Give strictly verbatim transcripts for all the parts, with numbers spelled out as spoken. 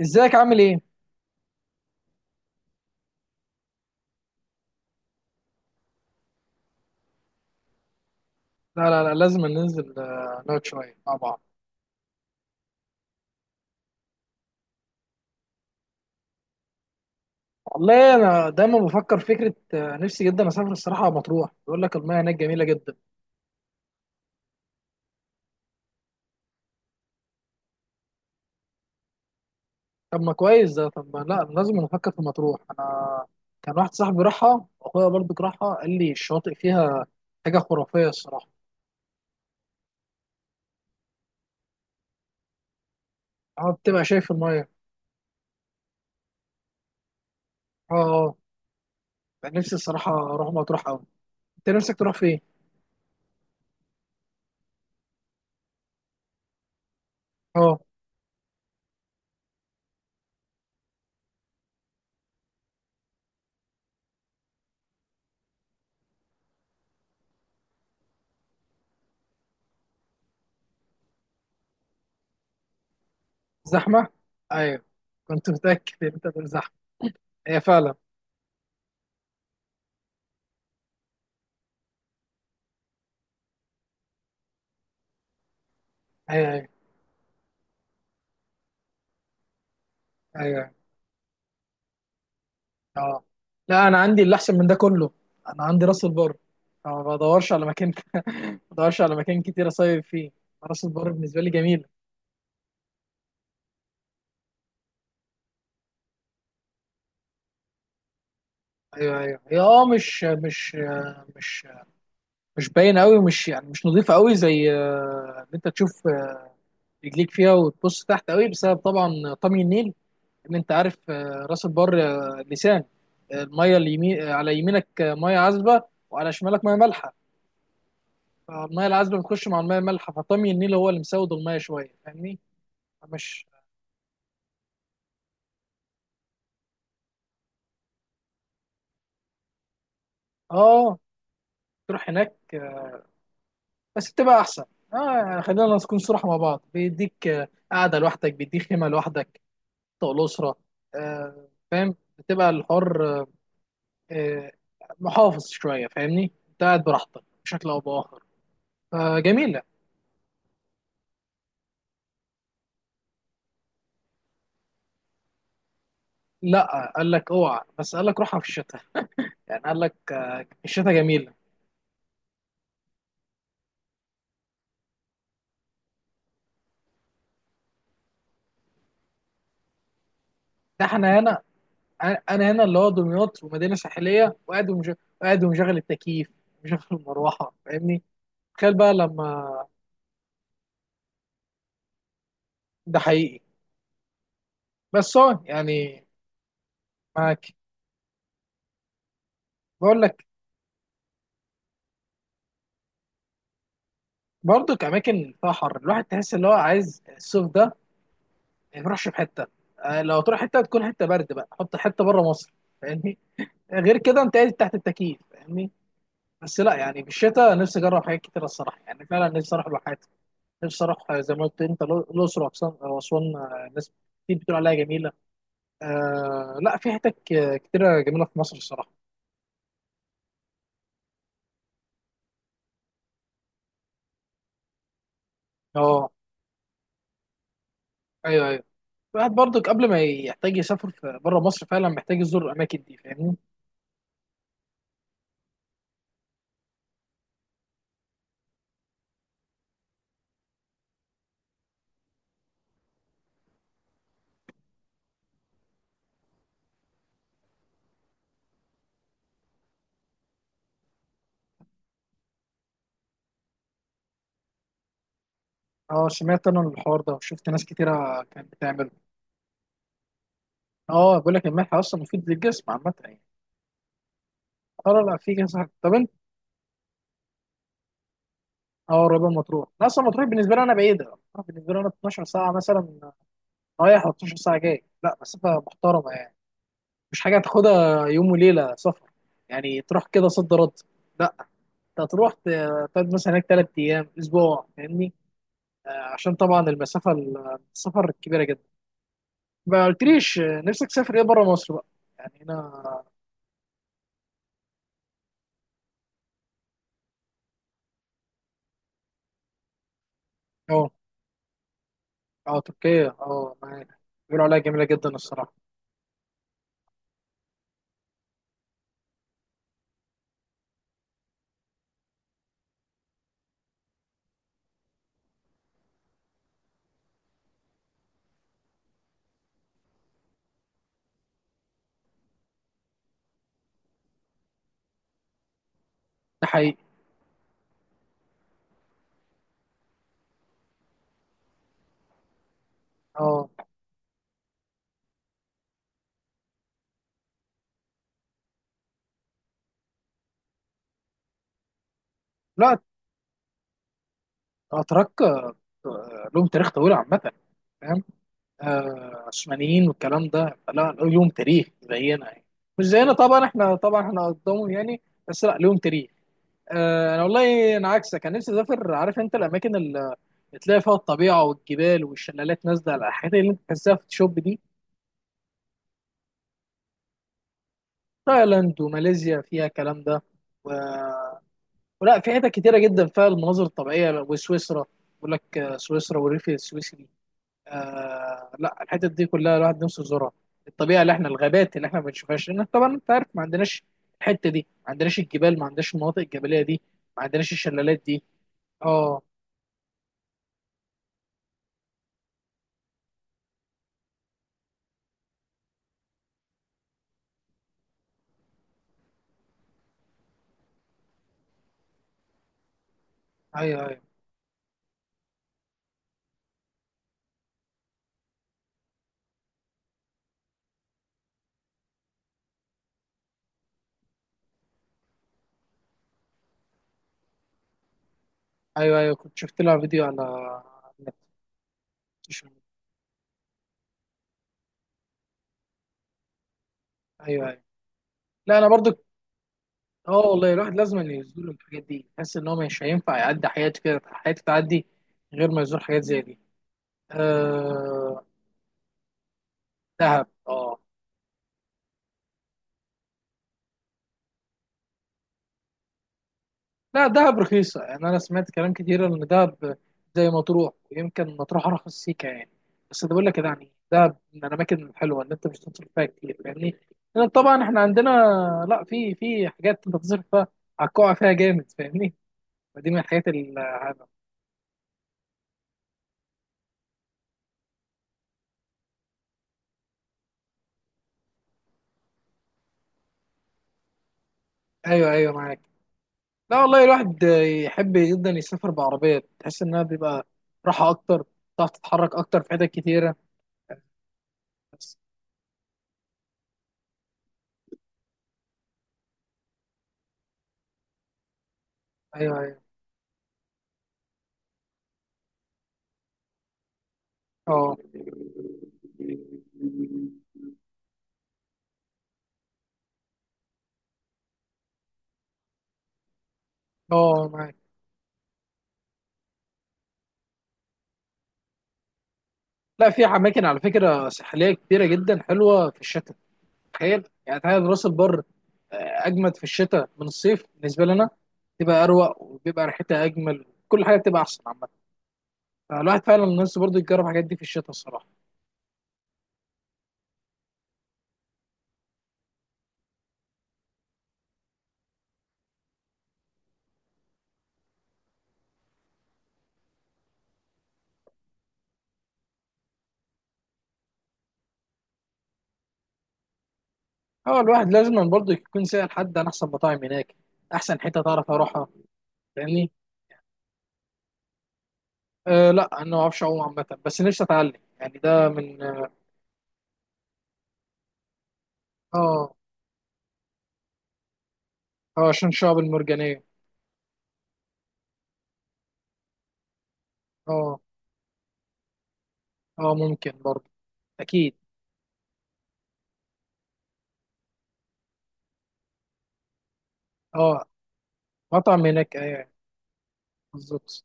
ازيك عامل ايه؟ لا لا لا، لازم ننزل، آه، نقعد شويه مع بعض. والله انا دايما بفكر فكره، آه، نفسي جدا اسافر الصراحه. مطروح يقول لك المياه هناك جميله جدا. طب ما كويس ده، طب ما لا لازم نفكر في مطروح انا. كان واحد صاحبي راحها واخويا برضو راحها، قال لي الشواطئ فيها حاجه خرافيه الصراحه. اه، بتبقى شايف المياه. اه، اه، كان نفسي الصراحه اروح مطروح قوي. انت نفسك تروح فين؟ اه. زحمه؟ ايوه. كنت متاكد ان انت تقول زحمه. هي فعلا. ايوه، ايوه، ايوه، اه. لا، انا عندي اللي احسن من ده كله. انا عندي راس البر. أنا ما بدورش على مكان، ما بدورش على مكان كتير اصيف فيه. راس البر بالنسبه لي جميله. ايوه، ايوه، هي اه، مش مش مش مش باينه قوي، مش يعني مش نظيفه قوي، زي آه، ان انت تشوف آه، رجليك فيها وتبص تحت قوي بسبب طبعا طمي النيل. ان انت عارف آه، راس البر آه، لسان، آه، الميه اليمين آه، على يمينك آه، ميه عذبه، وعلى شمالك ميه مالحه. فالميه العذبه بتخش مع الميه المالحه، فطمي النيل هو اللي مسود الميه شويه، فاهمني. مش، اه، تروح هناك بس بتبقى احسن. اه، يعني خلينا نكون صراحة مع بعض، بيديك آه، قاعدة لوحدك، بيديك خيمة لوحدك طول الأسرة. آه فاهم، بتبقى الحر، آه، محافظ شوية، فاهمني. انت قاعد براحتك بشكل أو بآخر، فجميلة. لا، قال لك اوعى، بس قال لك روحها في الشتاء. يعني قال لك آه، الشتاء جميلة. ده احنا هنا. انا هنا اللي هو دمياط ومدينة ساحلية وقاعد ومش- وقاعد ومشغل التكييف ومشغل المروحة، فاهمني. تخيل بقى لما، ده حقيقي، بس هو يعني، معاك. بقول لك، برضك اماكن فيها حر، الواحد تحس اللي هو عايز الصيف ده ما يروحش في حته. آه، لو تروح حته تكون حته برد بقى، حط حته بره مصر، فاهمني. غير كده انت قاعد تحت التكييف، فاهمني. بس لا، يعني في الشتاء نفسي اجرب حاجات كتير الصراحه، يعني فعلا نفسي اروح الواحات. نفسي اروح آه، زي ما قلت انت الأ- الاقصر وأقصان- واسوان، آه، ناس كتير بتقول عليها جميله. آه، لا في حتت ك- كتيره جميله في مصر الصراحه. اه، ايوه، ايوه. الواحد برضك قبل ما يحتاج يسافر في بره مصر، فعلا محتاج يزور الاماكن دي، فاهمني. اه، سمعت انا الحوار ده وشفت ناس كتيره كانت بتعمله. اه، بقول لك الملح اصلا مفيد للجسم عامه يعني. اه، لا في كذا حاجة. طب انت، اه، قريبه من مطروح. أنا اصلا مطروح بالنسبه لي انا بعيده، مطروح بالنسبه لي انا اتناشر ساعة ساعه مثلا رايح، و اثنتا عشرة ساعة ساعه جاي، لا مسافه محترمه يعني، مش حاجه تاخدها يوم وليله سفر. يعني تروح كده صد رد، لا، انت هتروح ت- تقعد مثلا هناك ثلاث ايام اسبوع، فاهمني. آه، عشان طبعا المسافه ال- السفر كبيره جدا. ما قلتليش نفسك تسافر ايه بره مصر بقى، يعني هنا. اه، اه، تركيا، اه، معاك. بيقولوا عليها جميله جدا الصراحه. ده حقيقي. اه، لا اتراك آه، لهم تاريخ طويل عامه، فاهم. آه، عثمانيين والكلام ده، لا لهم تاريخ زينا يعني. مش زينا طبعا، احنا طبعا احنا قدامهم يعني. بس لا، لهم تاريخ. آه، انا والله انا عكسك، انا نفسي اسافر. عارف انت الاماكن اللي بتلاقي فيها الطبيعه والجبال والشلالات نازله على الحاجات اللي انت بتحسها في الشوب دي. تايلاند وماليزيا فيها الكلام ده، و... ولا في حتت كتيرة جدا فيها المناظر الطبيعية، وسويسرا بيقول لك آه، سويسرا والريف السويسري. آه لا، الحتت دي كلها الواحد نفسه يزورها. الطبيعة اللي احنا، الغابات اللي احنا ما بنشوفهاش، لأن طبعا انت عارف ما عندناش الحتة دي، ما عندناش الجبال، ما عندناش المناطق الجبلية دي، ما عندناش الشلالات دي. اه، ايوه، ايوه، ايوه، ايوه، كنت شفت لها فيديو على على النت. مش- ايوه، ايوه. لا، انا برضو. اه، والله الواحد لازم أن يزور الحاجات دي، يحس ان هو مش هينفع يعدي حياته كده، حياته تعدي غير ما يزور حاجات زي دي. آه، دهب، اه. لا، دهب رخيصة، يعني انا سمعت كلام كتير ان دهب زي مطروح، ويمكن مطروح ارخص سيكا يعني. بس ده بقول لك يعني دهب من الاماكن الحلوة ان انت مش هتصرف فيها كتير، فاهمني. لان طبعا احنا عندنا، لا في في حاجات انت تصرف فيها، هتقع فيها جامد، فاهمني. فدي من الحاجات ال- ايوه، ايوه، معاك. لا والله الواحد يحب جدا يسافر بعربية، تحس إنها بيبقى راحة أكتر، تعرف تتحرك أكتر في حتت كتيرة. بس أيوه، أيوه، أه، أه، معاك. لا في أماكن على فكرة ساحلية كتيرة جدا حلوة في الشتاء. تخيل يعني، تخيل راس البر آه، أجمد في الشتاء من الصيف بالنسبة لنا. تبقى أروق وبيبقى ريحتها أجمل، كل حاجة بتبقى أحسن عامة. فالواحد فعلا الناس برضه يجرب الحاجات دي في الشتاء الصراحة. اه، الواحد لازم برضه يكون سائل حد عن احسن مطاعم هناك، احسن حته تعرف اروحها، فاهمني. آه، لا انا ما اعرفش اعوم عامه، بس نفسي اتعلم يعني. ده من، اه، اه، عشان الشعب المرجانيه. اه، اه، ممكن برضه، اكيد. اه، مطعم هناك، ايوه، أيوة، بالظبط.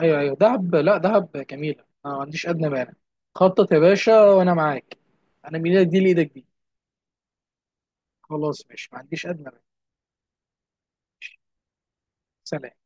ايوه، ايوه، دهب، لا دهب جميله، انا ما عنديش ادنى مانع. خطط يا باشا وانا معاك. انا من ايدك دي لايدك دي. خلاص ماشي، ما عنديش ادنى مانع. سلام.